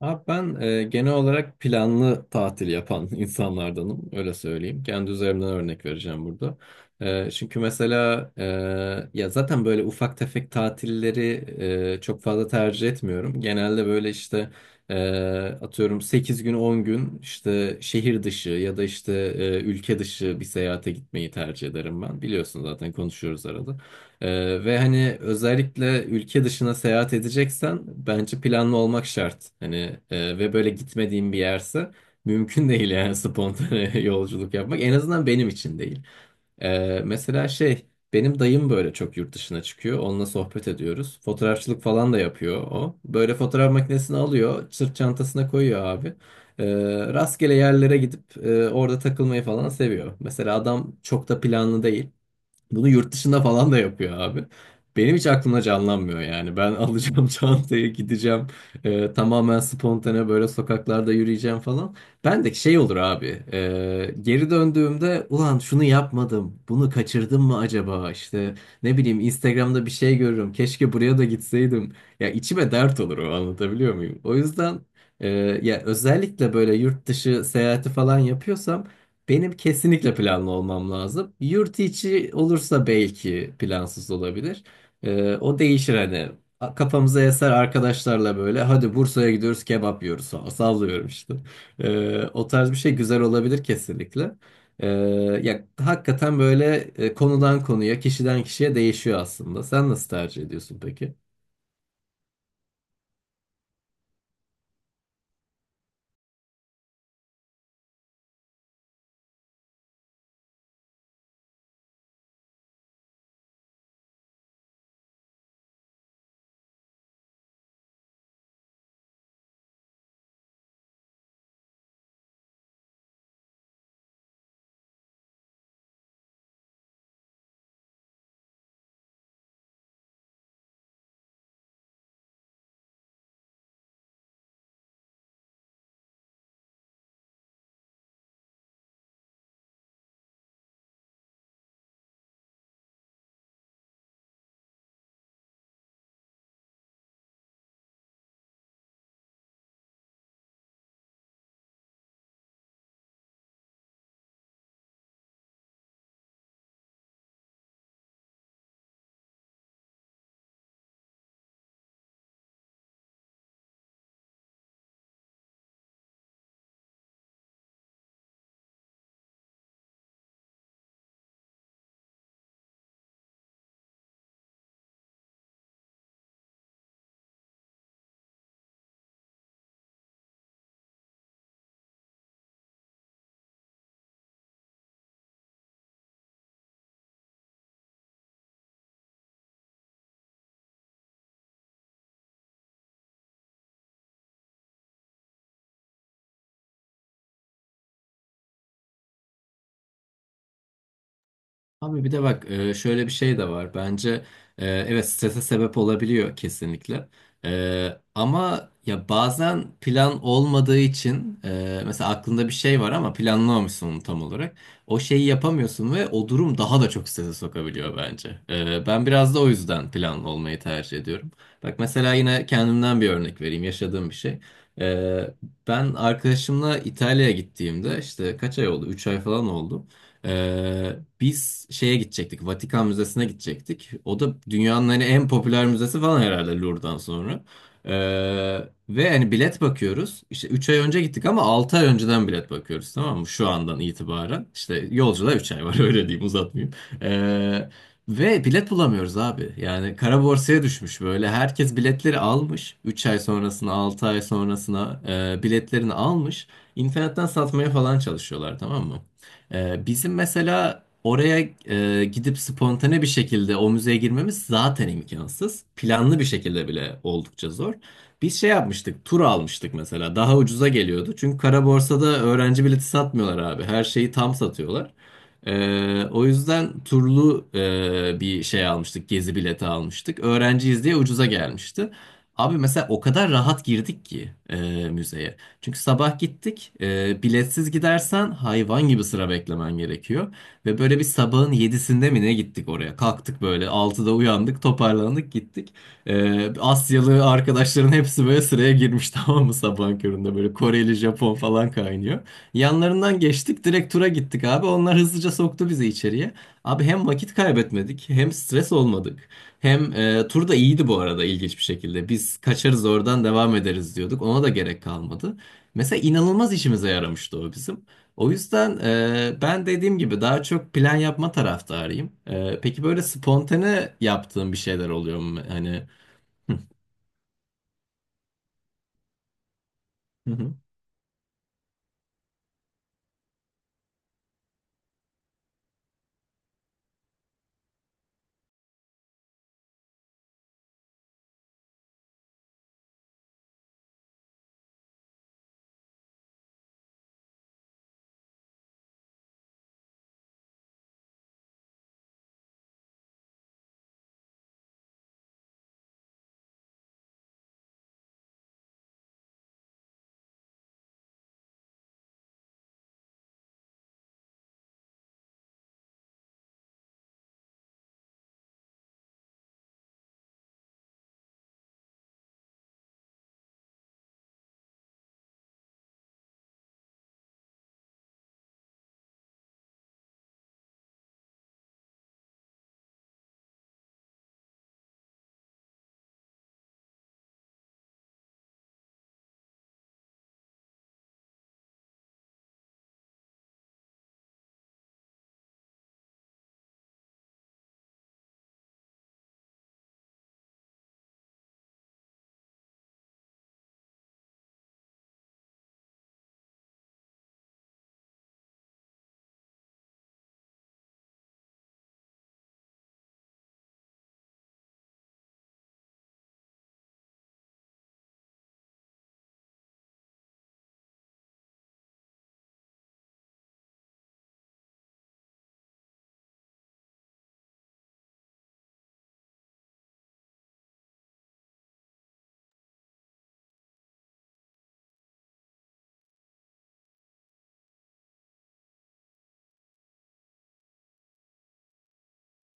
Abi ben genel olarak planlı tatil yapan insanlardanım, öyle söyleyeyim. Kendi üzerimden örnek vereceğim burada. Çünkü mesela ya zaten böyle ufak tefek tatilleri çok fazla tercih etmiyorum. Genelde böyle işte e, atıyorum 8 gün 10 gün işte şehir dışı ya da işte ülke dışı bir seyahate gitmeyi tercih ederim ben. Biliyorsun zaten konuşuyoruz arada. Ve hani özellikle ülke dışına seyahat edeceksen bence planlı olmak şart. Hani ve böyle gitmediğim bir yerse mümkün değil yani spontane yolculuk yapmak. En azından benim için değil. Mesela şey benim dayım böyle çok yurt dışına çıkıyor. Onunla sohbet ediyoruz. Fotoğrafçılık falan da yapıyor o. Böyle fotoğraf makinesini alıyor, sırt çantasına koyuyor abi. Ee, Rastgele yerlere gidip orada takılmayı falan seviyor. Mesela adam çok da planlı değil. Bunu yurt dışında falan da yapıyor abi. Benim hiç aklımda canlanmıyor yani. Ben alacağım çantayı gideceğim. Tamamen spontane böyle sokaklarda yürüyeceğim falan. Ben de şey olur abi. Geri döndüğümde ulan şunu yapmadım. Bunu kaçırdım mı acaba? İşte ne bileyim Instagram'da bir şey görürüm. Keşke buraya da gitseydim. Ya içime dert olur o, anlatabiliyor muyum? O yüzden e, ya özellikle böyle yurt dışı seyahati falan yapıyorsam benim kesinlikle planlı olmam lazım. Yurt içi olursa belki plansız olabilir. O değişir hani. Kafamıza eser arkadaşlarla böyle hadi Bursa'ya gidiyoruz kebap yiyoruz falan. Sallıyorum işte. O tarz bir şey güzel olabilir kesinlikle. Ee, Ya hakikaten böyle konudan konuya, kişiden kişiye değişiyor aslında. Sen nasıl tercih ediyorsun peki? Abi bir de bak şöyle bir şey de var. Bence evet strese sebep olabiliyor kesinlikle. Ama ya bazen plan olmadığı için mesela aklında bir şey var ama planlamamışsın onu tam olarak. O şeyi yapamıyorsun ve o durum daha da çok strese sokabiliyor bence. Ben biraz da o yüzden planlı olmayı tercih ediyorum. Bak mesela yine kendimden bir örnek vereyim yaşadığım bir şey. E, Ben arkadaşımla İtalya'ya gittiğimde işte kaç ay oldu? 3 ay falan oldu. Ee, Biz şeye gidecektik. Vatikan Müzesi'ne gidecektik. O da dünyanın hani en popüler müzesi falan herhalde Louvre'dan sonra. Ee, Ve hani bilet bakıyoruz. İşte 3 ay önce gittik ama 6 ay önceden bilet bakıyoruz, tamam mı? Şu andan itibaren. İşte yolculuğa 3 ay var, öyle diyeyim uzatmayayım. Ee, Ve bilet bulamıyoruz abi. Yani kara borsaya düşmüş böyle. Herkes biletleri almış. 3 ay sonrasına, 6 ay sonrasına biletlerini almış. İnternetten satmaya falan çalışıyorlar, tamam mı? Bizim mesela oraya gidip spontane bir şekilde o müzeye girmemiz zaten imkansız. Planlı bir şekilde bile oldukça zor. Biz şey yapmıştık, tur almıştık mesela. Daha ucuza geliyordu. Çünkü kara borsada öğrenci bileti satmıyorlar abi. Her şeyi tam satıyorlar. O yüzden turlu bir şey almıştık, gezi bileti almıştık. Öğrenciyiz diye ucuza gelmişti. Abi mesela o kadar rahat girdik ki müzeye. Çünkü sabah gittik. Biletsiz gidersen hayvan gibi sıra beklemen gerekiyor. Ve böyle bir sabahın yedisinde mi ne gittik oraya? Kalktık böyle altıda uyandık, toparlandık gittik. Asyalı arkadaşların hepsi böyle sıraya girmiş, tamam mı, sabahın köründe böyle Koreli, Japon falan kaynıyor. Yanlarından geçtik, direkt tura gittik abi. Onlar hızlıca soktu bizi içeriye. Abi hem vakit kaybetmedik hem stres olmadık. Hem tur da iyiydi bu arada, ilginç bir şekilde. Biz kaçarız oradan devam ederiz diyorduk. Ona da gerek kalmadı. Mesela inanılmaz işimize yaramıştı o bizim. O yüzden ben dediğim gibi daha çok plan yapma taraftarıyım. Peki böyle spontane yaptığın bir şeyler oluyor mu? Hani. Hı hı.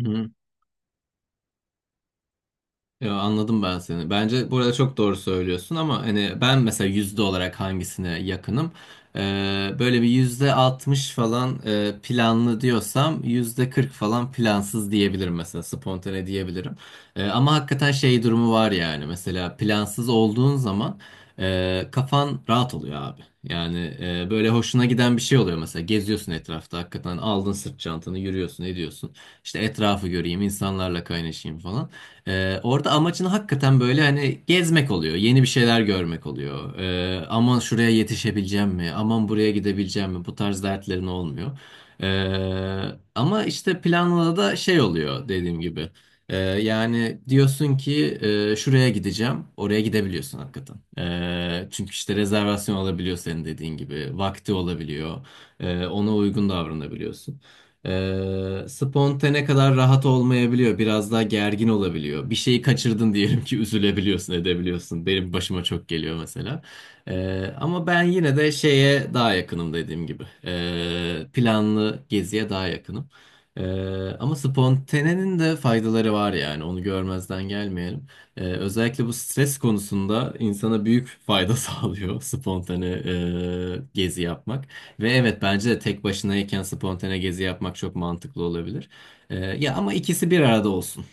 Hı. Yo, anladım ben seni. Bence burada çok doğru söylüyorsun ama hani ben mesela yüzde olarak hangisine yakınım? Böyle bir %60 falan planlı diyorsam %40 falan plansız diyebilirim mesela, spontane diyebilirim. Ama hakikaten şey durumu var yani, mesela plansız olduğun zaman kafan rahat oluyor abi. Yani böyle hoşuna giden bir şey oluyor, mesela geziyorsun etrafta, hakikaten aldın sırt çantanı yürüyorsun ediyorsun. İşte etrafı göreyim, insanlarla kaynaşayım falan. Orada amacın hakikaten böyle hani gezmek oluyor, yeni bir şeyler görmek oluyor. Aman şuraya yetişebileceğim mi? Aman buraya gidebileceğim mi? Bu tarz dertlerin olmuyor. Ama işte planla da şey oluyor dediğim gibi. Yani diyorsun ki şuraya gideceğim, oraya gidebiliyorsun hakikaten. Çünkü işte rezervasyon alabiliyor senin dediğin gibi, vakti olabiliyor. Ona uygun davranabiliyorsun. Spontane kadar rahat olmayabiliyor. Biraz daha gergin olabiliyor. Bir şeyi kaçırdın diyelim ki, üzülebiliyorsun, edebiliyorsun. Benim başıma çok geliyor mesela. Ama ben yine de şeye daha yakınım dediğim gibi. Planlı geziye daha yakınım. Ama spontanenin de faydaları var yani. Onu görmezden gelmeyelim. Özellikle bu stres konusunda insana büyük fayda sağlıyor spontane gezi yapmak. Ve evet, bence de tek başınayken spontane gezi yapmak çok mantıklı olabilir. Ya ama ikisi bir arada olsun.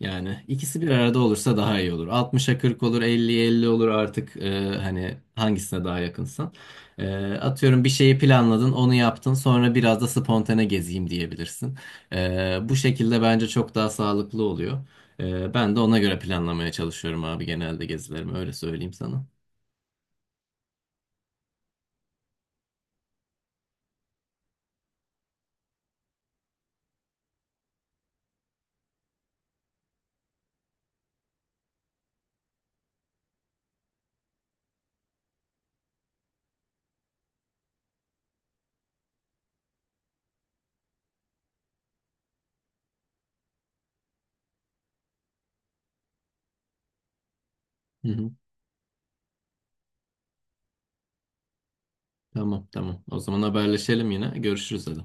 Yani ikisi bir arada olursa daha iyi olur. 60'a 40 olur, 50'ye 50 olur artık hani hangisine daha yakınsan. Atıyorum bir şeyi planladın, onu yaptın, sonra biraz da spontane gezeyim diyebilirsin. Bu şekilde bence çok daha sağlıklı oluyor. Ben de ona göre planlamaya çalışıyorum abi, genelde gezilerimi, öyle söyleyeyim sana. Hı hı. Tamam tamam. O zaman haberleşelim yine. Görüşürüz dedim.